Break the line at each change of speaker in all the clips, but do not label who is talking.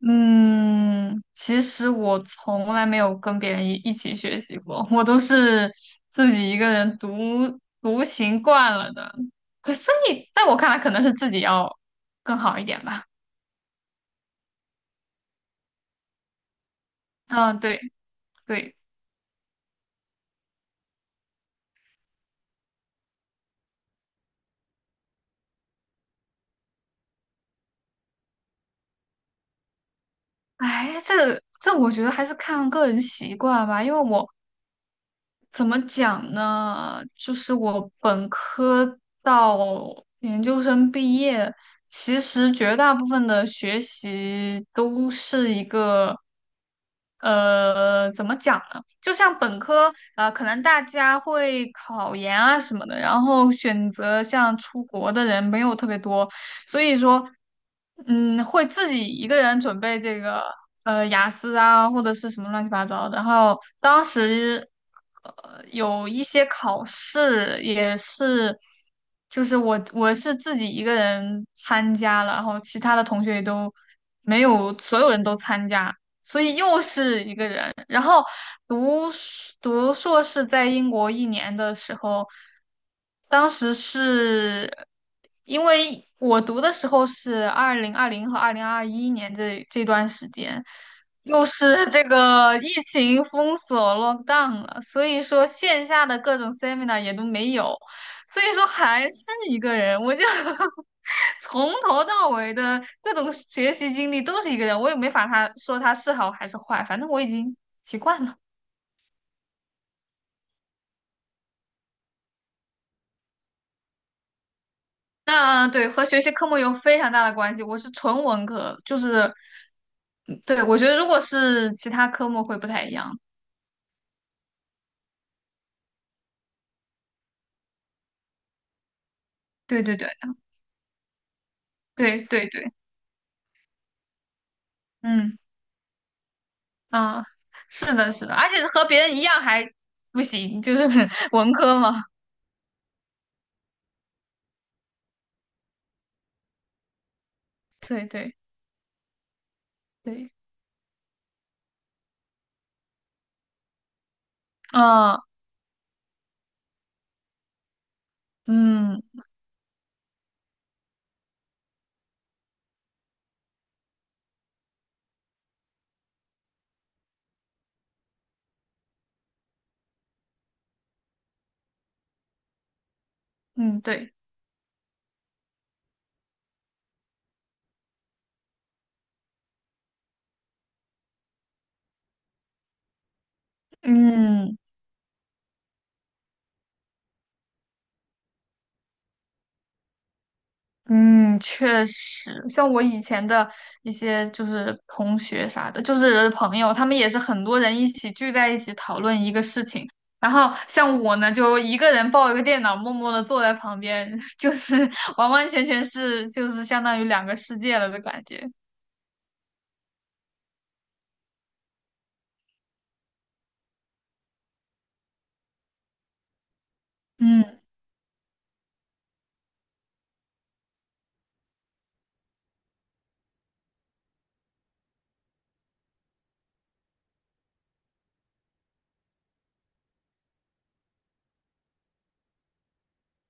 嗯，其实我从来没有跟别人一起学习过，我都是自己一个人独行惯了的。可所以在我看来，可能是自己要更好一点吧。嗯，对对，哎，这我觉得还是看个人习惯吧，因为我怎么讲呢？就是我本科到研究生毕业，其实绝大部分的学习都是一个，怎么讲呢？就像本科，可能大家会考研啊什么的，然后选择像出国的人没有特别多，所以说，嗯，会自己一个人准备这个雅思啊，或者是什么乱七八糟的。然后当时有一些考试也是，就是我是自己一个人参加了，然后其他的同学也都没有，所有人都参加。所以又是一个人。然后读硕士在英国一年的时候，当时是因为我读的时候是2020和2021年这段时间，又是这个疫情封锁 lockdown 了，所以说线下的各种 seminar 也都没有。所以说还是一个人，我就 从头到尾的各种学习经历都是一个人，我也没法他说他是好还是坏，反正我已经习惯了。那对和学习科目有非常大的关系，我是纯文科，就是，嗯对，我觉得如果是其他科目会不太一样。对对对对对对，嗯啊，是的，是的，而且和别人一样还不行，就是 文科嘛。对对对，啊嗯嗯，对。嗯嗯，确实，像我以前的一些就是同学啥的，就是朋友，他们也是很多人一起聚在一起讨论一个事情。然后像我呢，就一个人抱一个电脑，默默的坐在旁边，就是完完全全是就是相当于两个世界了的感觉。嗯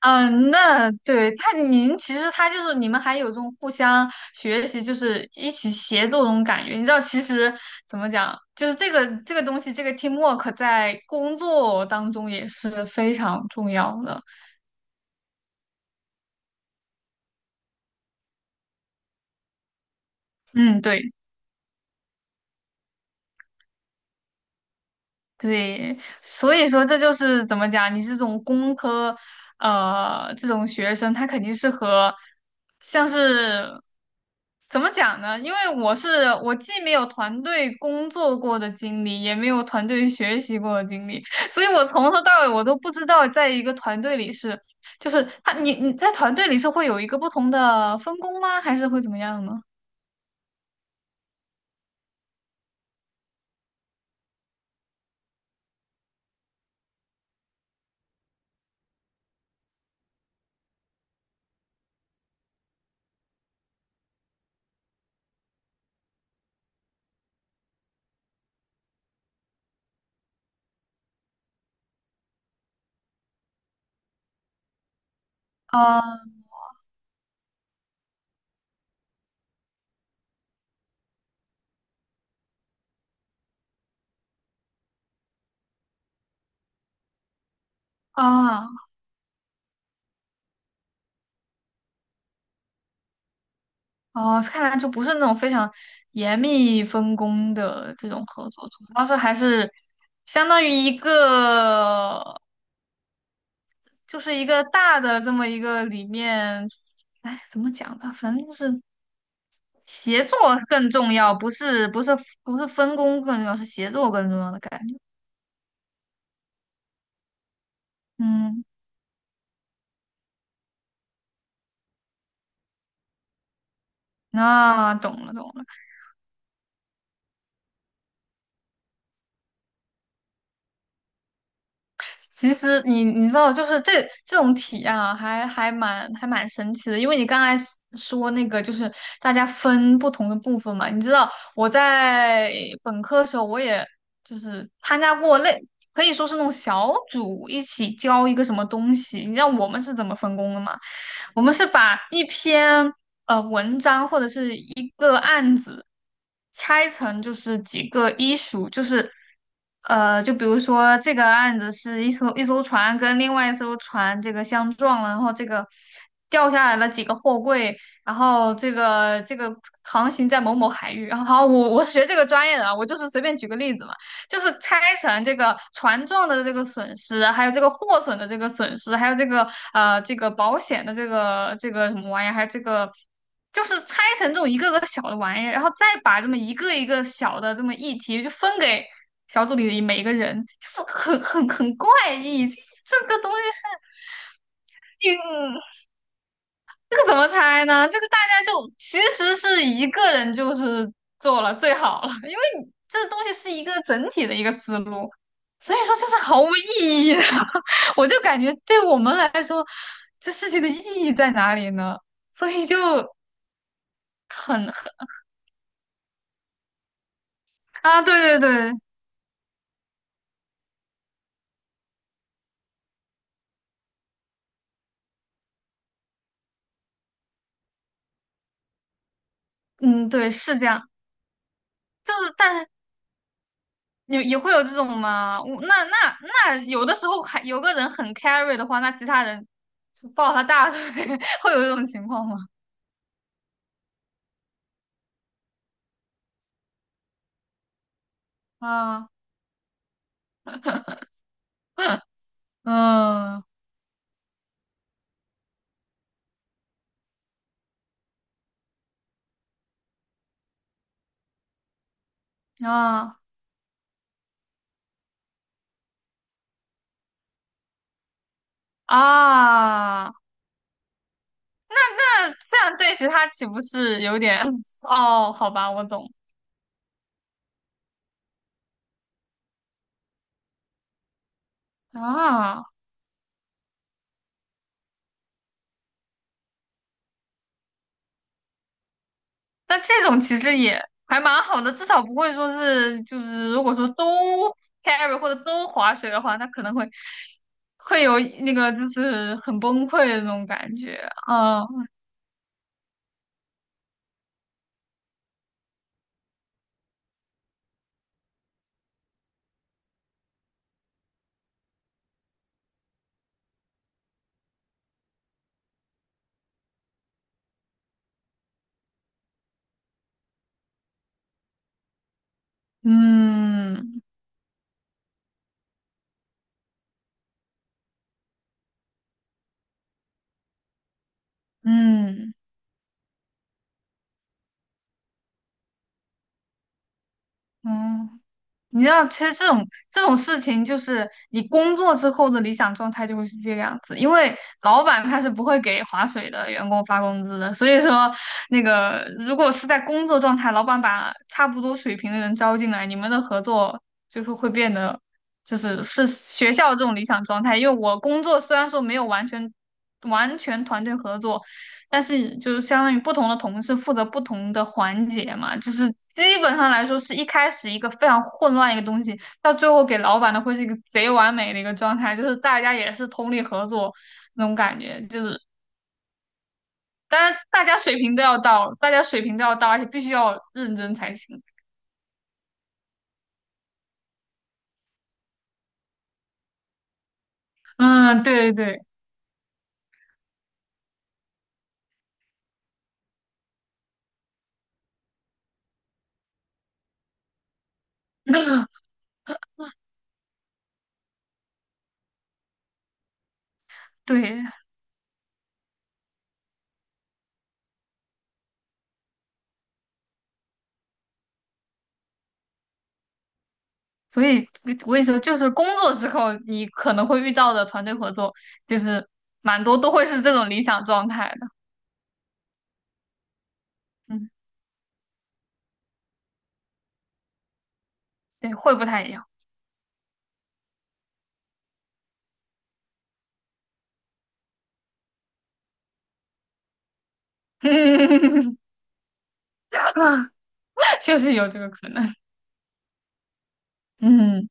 嗯，那对他，您其实他就是你们还有这种互相学习，就是一起协作这种感觉。你知道，其实怎么讲，就是这个东西，这个 teamwork 在工作当中也是非常重要的。嗯，对。对，所以说这就是怎么讲，你是这种工科，这种学生，他肯定是和像是怎么讲呢？因为我是我既没有团队工作过的经历，也没有团队学习过的经历，所以我从头到尾我都不知道，在一个团队里是，就是他你你在团队里是会有一个不同的分工吗？还是会怎么样呢？啊啊哦，看来就不是那种非常严密分工的这种合作，主要是还是相当于一个，就是一个大的这么一个里面，哎，怎么讲呢？反正就是协作更重要，不是分工更重要，是协作更重要的感觉。嗯，那懂了懂了。其实你你知道，就是这种体验啊，还蛮神奇的。因为你刚才 说那个，就是大家分不同的部分嘛。你知道，我在本科的时候，我也就是参加过类，可以说是那种小组一起教一个什么东西。你知道我们是怎么分工的吗？我们是把一篇文章或者是一个案子拆成就是几个医属，就是就比如说这个案子是一艘船跟另外一艘船这个相撞了，然后这个掉下来了几个货柜，然后这个航行在某某海域，然后好，我我是学这个专业的啊，我就是随便举个例子嘛。就是拆成这个船撞的这个损失，还有这个货损的这个损失，还有这个这个保险的这个什么玩意儿，还有这个就是拆成这种一个个小的玩意儿，然后再把这么一个一个小的这么议题就分给小组里的每一个人，就是很怪异，这这个东西是。嗯，这个怎么猜呢？这个大家就其实是一个人就是做了最好了，因为你这东西是一个整体的一个思路，所以说这是毫无意义的。我就感觉对我们来说，这事情的意义在哪里呢？所以就很很啊，对对对，嗯，对，是这样，就是但也也会有这种嘛，我那有的时候还有个人很 carry 的话，那其他人就抱他大腿，会有这种情况吗？啊。嗯啊啊，那这样对其他岂不是有点？哦，好吧，我懂啊。那这种其实也还蛮好的，至少不会说是就是如果说都 carry 或者都划水的话，那可能会会有那个就是很崩溃的那种感觉啊。嗯嗯嗯。嗯你知道，其实这种这种事情，就是你工作之后的理想状态就会是这个样子，因为老板他是不会给划水的员工发工资的，所以说那个如果是在工作状态，老板把差不多水平的人招进来，你们的合作就是会变得，就是是学校这种理想状态，因为我工作虽然说没有完全团队合作，但是就是相当于不同的同事负责不同的环节嘛，就是基本上来说是一开始一个非常混乱一个东西，到最后给老板的会是一个贼完美的一个状态，就是大家也是通力合作那种感觉，就是当然大家水平都要到，大家水平都要到，而且必须要认真才行。嗯，对对对，所以我跟你说，就是工作之后你可能会遇到的团队合作，就是蛮多都会是这种理想状态的。嗯，对，会不太一样。就是有这个可能。嗯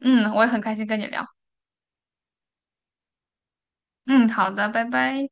嗯，我也很开心跟你聊。嗯，好的，拜拜。